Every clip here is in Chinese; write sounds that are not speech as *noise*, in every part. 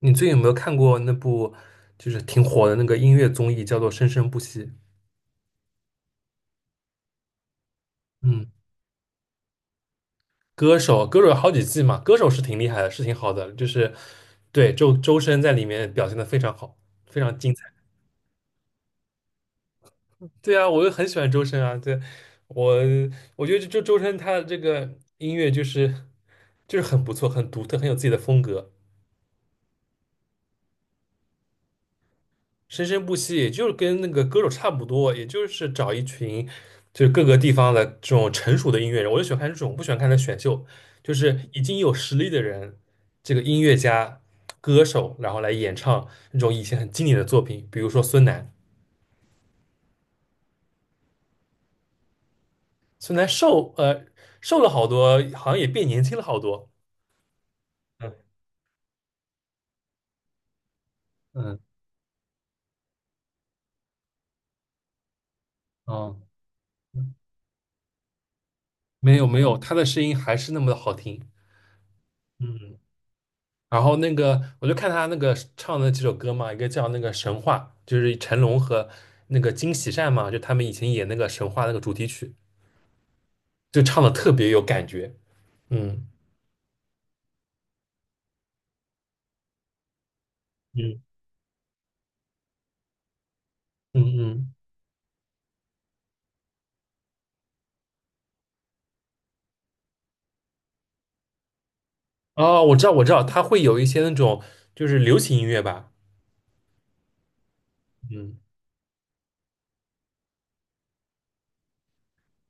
你最近有没有看过那部就是挺火的那个音乐综艺，叫做《生生不息》？嗯，歌手，歌手有好几季嘛，歌手是挺厉害的，是挺好的，就是对周深在里面表现的非常好，非常精彩。对啊，我就很喜欢周深啊，对，我我觉得就周深他的这个音乐就是很不错，很独特，很有自己的风格。生生不息，也就是跟那个歌手差不多，也就是找一群就是各个地方的这种成熟的音乐人，我就喜欢看这种，不喜欢看那选秀，就是已经有实力的人，这个音乐家、歌手，然后来演唱那种以前很经典的作品，比如说孙楠，孙楠瘦了好多，好像也变年轻了好多。嗯嗯，哦，没有没有，他的声音还是那么的好听。嗯。然后那个，我就看他那个唱的几首歌嘛，一个叫那个《神话》，就是成龙和那个金喜善嘛，就他们以前演那个《神话》那个主题曲，就唱的特别有感觉。嗯嗯嗯嗯。哦，我知道，我知道，他会有一些那种就是流行音乐吧。嗯。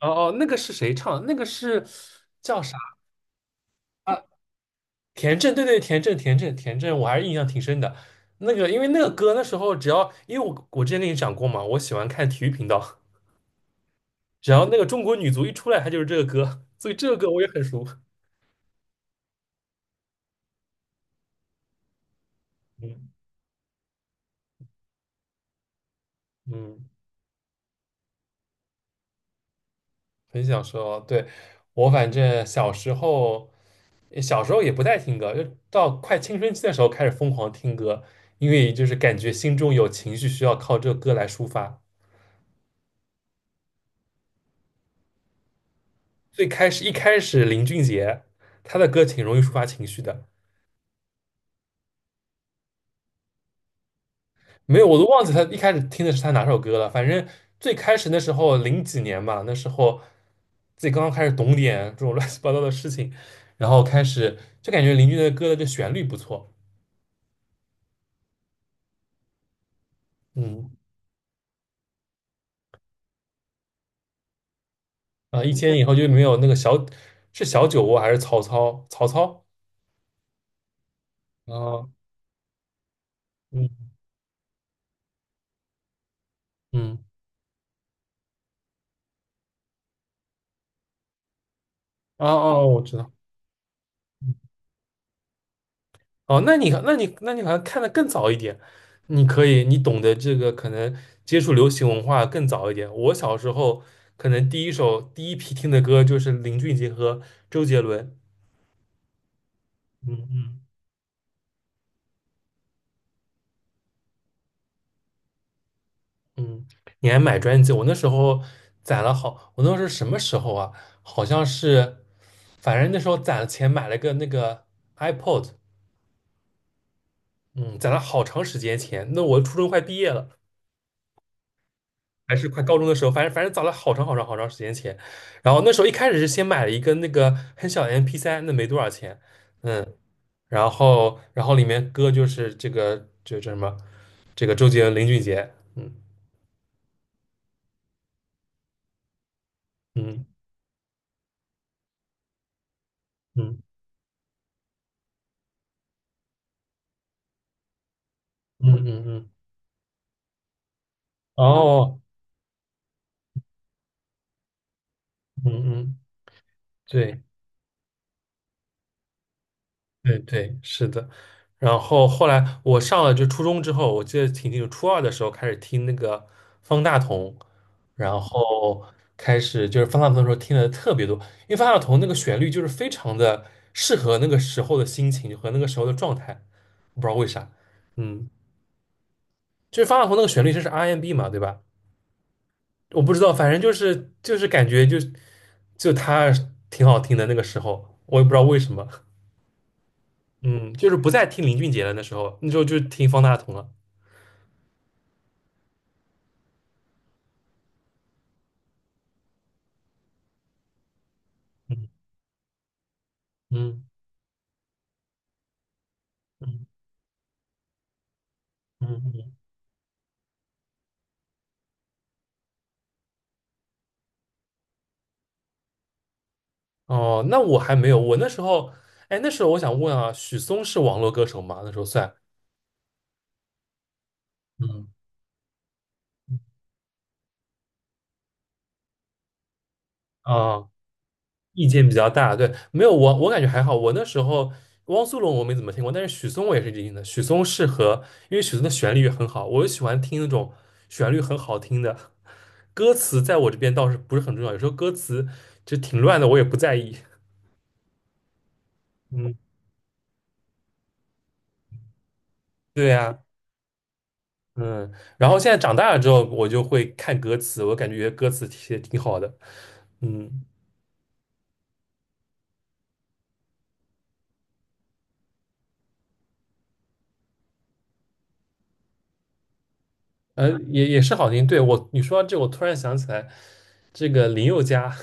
哦哦，那个是谁唱的？那个是叫啥啊？田震，对对，田震，田震，田震，我还是印象挺深的。那个，因为那个歌那时候只要，因为我之前跟你讲过嘛，我喜欢看体育频道。只要那个中国女足一出来，她就是这个歌，*laughs* 所以这个歌我也很熟。嗯嗯，很想说，对，我反正小时候，小时候也不太听歌，就到快青春期的时候开始疯狂听歌，因为就是感觉心中有情绪需要靠这个歌来抒发。最开始一开始林俊杰，他的歌挺容易抒发情绪的，没有，我都忘记他一开始听的是他哪首歌了。反正最开始那时候零几年吧，那时候自己刚刚开始懂点这种 *laughs* 乱七八糟的事情，然后开始就感觉邻居的歌的这旋律不错。嗯，啊，一千以后就没有那个是小酒窝还是曹操？曹操？啊，嗯嗯，哦哦，我知道。哦，那你好像看的更早一点，你可以你懂得这个可能接触流行文化更早一点。我小时候可能第一批听的歌就是林俊杰和周杰伦。嗯嗯嗯，你还买专辑？我那时候攒了好，我那时候什么时候啊？好像是，反正那时候攒了钱买了个那个 iPod,嗯，攒了好长时间钱。那我初中快毕业了。还是快高中的时候，反正早了好长好长好长时间前。然后那时候一开始是先买了一个那个很小的 MP3,那没多少钱。然后里面歌就是这个这这什么，这个周杰伦、林俊杰，嗯嗯嗯嗯嗯嗯，哦，嗯嗯，对，对对，是的。然后后来我上了就初中之后，我记得挺清楚，初二的时候开始听那个方大同，然后开始就是方大同的时候听的特别多，因为方大同那个旋律就是非常的适合那个时候的心情和那个时候的状态，我不知道为啥，嗯，就是方大同那个旋律就是 R&B 嘛，对吧？我不知道，反正就是就是感觉就他挺好听的那个时候，我也不知道为什么，嗯，就是不再听林俊杰了，那时候就听方大同了。嗯嗯嗯嗯嗯。哦，那我还没有，我那时候，哎，那时候我想问啊，许嵩是网络歌手吗？那时候算，嗯啊，意见比较大，对，没有我感觉还好，我那时候汪苏泷我没怎么听过，但是许嵩我也是听的，许嵩适合，因为许嵩的旋律也很好，我就喜欢听那种旋律很好听的，歌词在我这边倒是不是很重要，有时候歌词就挺乱的，我也不在意。嗯，对呀、嗯，然后现在长大了之后，我就会看歌词，我感觉歌词写的挺好的，嗯，呃，也也是好听。对，我，你说到这，我突然想起来，这个林宥嘉，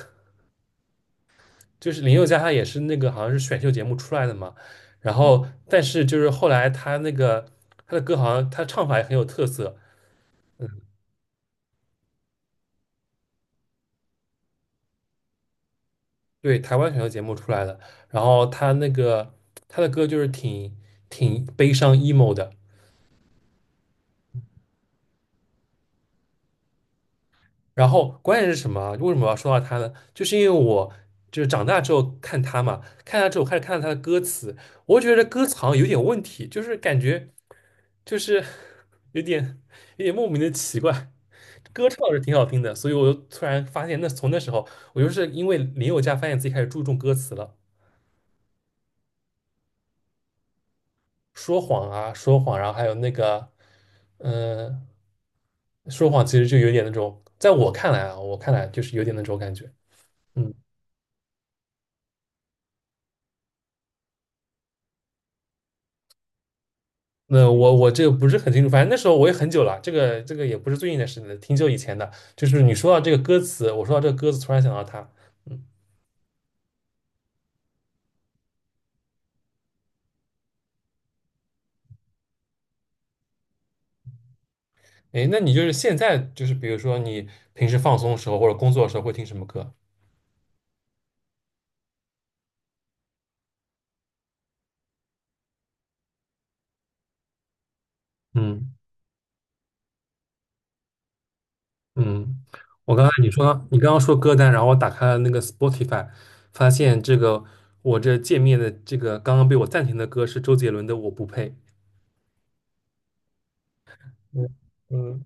就是林宥嘉，他也是那个好像是选秀节目出来的嘛，然后但是就是后来他那个他的歌好像他唱法也很有特色，对，台湾选秀节目出来的，然后他那个他的歌就是挺悲伤 emo 的，然后关键是什么啊为什么我要说到他呢？就是因为我就是长大之后看他嘛，看他之后开始看到他的歌词，我觉得歌词好像有点问题，就是感觉就是 *laughs* 有点有点莫名的奇怪。歌唱是挺好听的，所以我就突然发现那，从那时候我就是因为林宥嘉发现自己开始注重歌词了，说谎啊，说谎，然后还有那个，嗯、说谎其实就有点那种，在我看来啊，我看来就是有点那种感觉。嗯。那我这个不是很清楚，反正那时候我也很久了，这个也不是最近的事了，挺久以前的。就是你说到这个歌词，我说到这个歌词，突然想到它。嗯，哎，那你就是现在就是比如说你平时放松的时候或者工作的时候会听什么歌？嗯嗯，我刚才你刚刚说歌单，然后我打开了那个 Spotify,发现这个我这界面的这个刚刚被我暂停的歌是周杰伦的《我不配》。嗯嗯，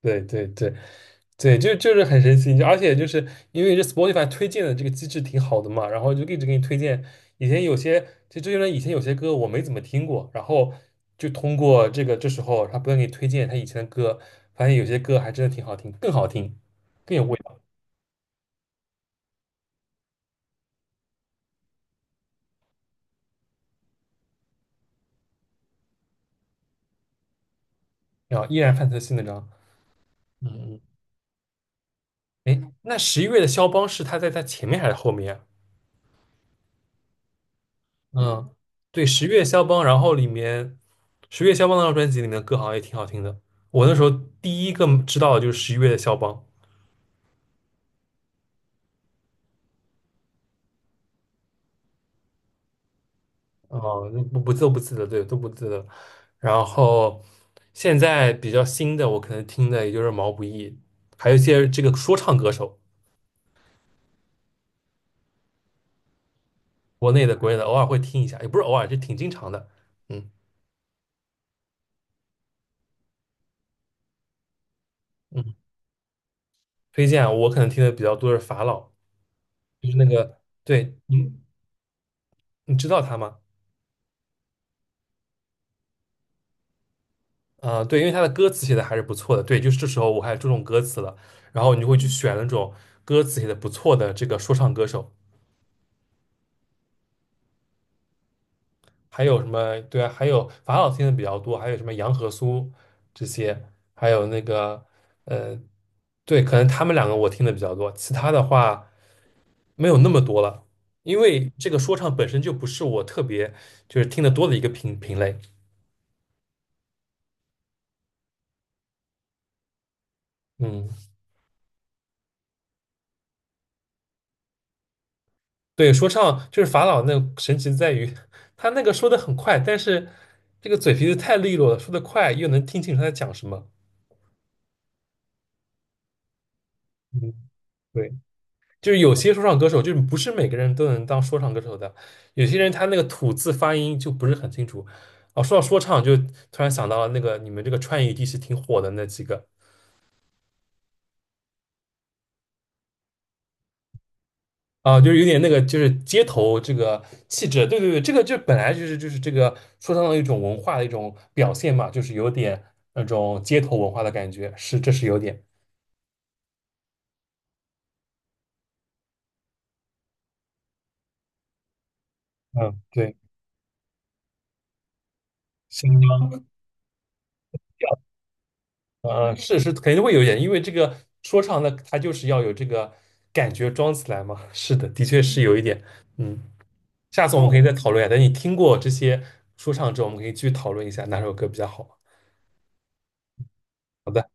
对对对，对，就是很神奇，就而且就是因为这 Spotify 推荐的这个机制挺好的嘛，然后就一直给你推荐。以前有些，其实这些人以前有些歌我没怎么听过，然后就通过这个这时候他不断给你推荐他以前的歌，发现有些歌还真的挺好听，更好听，更有味道，然后依然范特西那张。嗯嗯，哎，那十一月的肖邦是他在他前面还是后面啊？嗯，对，十月肖邦，然后里面十月肖邦那张专辑里面的歌好像也挺好听的。我那时候第一个知道的就是十一月的肖邦，哦、那不不都不记得，对，都不记得。然后现在比较新的，我可能听的也就是毛不易，还有一些这个说唱歌手，国内的、国内的，偶尔会听一下，也不是偶尔，就挺经常的。嗯嗯，推荐啊我可能听的比较多是法老，就是那个，对，你知道他吗？啊、呃对，因为他的歌词写的还是不错的，对，就是这时候我还注重歌词了，然后你就会去选那种歌词写的不错的这个说唱歌手，还有什么，对啊，还有法老听的比较多，还有什么杨和苏这些，还有那个，呃，对，可能他们两个我听的比较多，其他的话没有那么多了，因为这个说唱本身就不是我特别就是听得多的一个品类，嗯。对，说唱就是法老那神奇在于，他那个说的很快，但是这个嘴皮子太利落了，说的快又能听清楚他在讲什么。嗯，对，就是有些说唱歌手，就是不是每个人都能当说唱歌手的，有些人他那个吐字发音就不是很清楚。哦，说到说唱，就突然想到了那个你们这个川渝地区挺火的那几个，啊，就是有点那个，就是街头这个气质，对对对，这个就本来就是这个说唱的一种文化的一种表现嘛，就是有点那种街头文化的感觉，是这是有点，嗯，对，新疆调，嗯，是肯定会有一点，因为这个说唱的它就是要有这个感觉装起来嘛，是的，的确是有一点，嗯，下次我们可以再讨论一下，等你听过这些说唱之后，我们可以继续讨论一下哪首歌比较好。好的。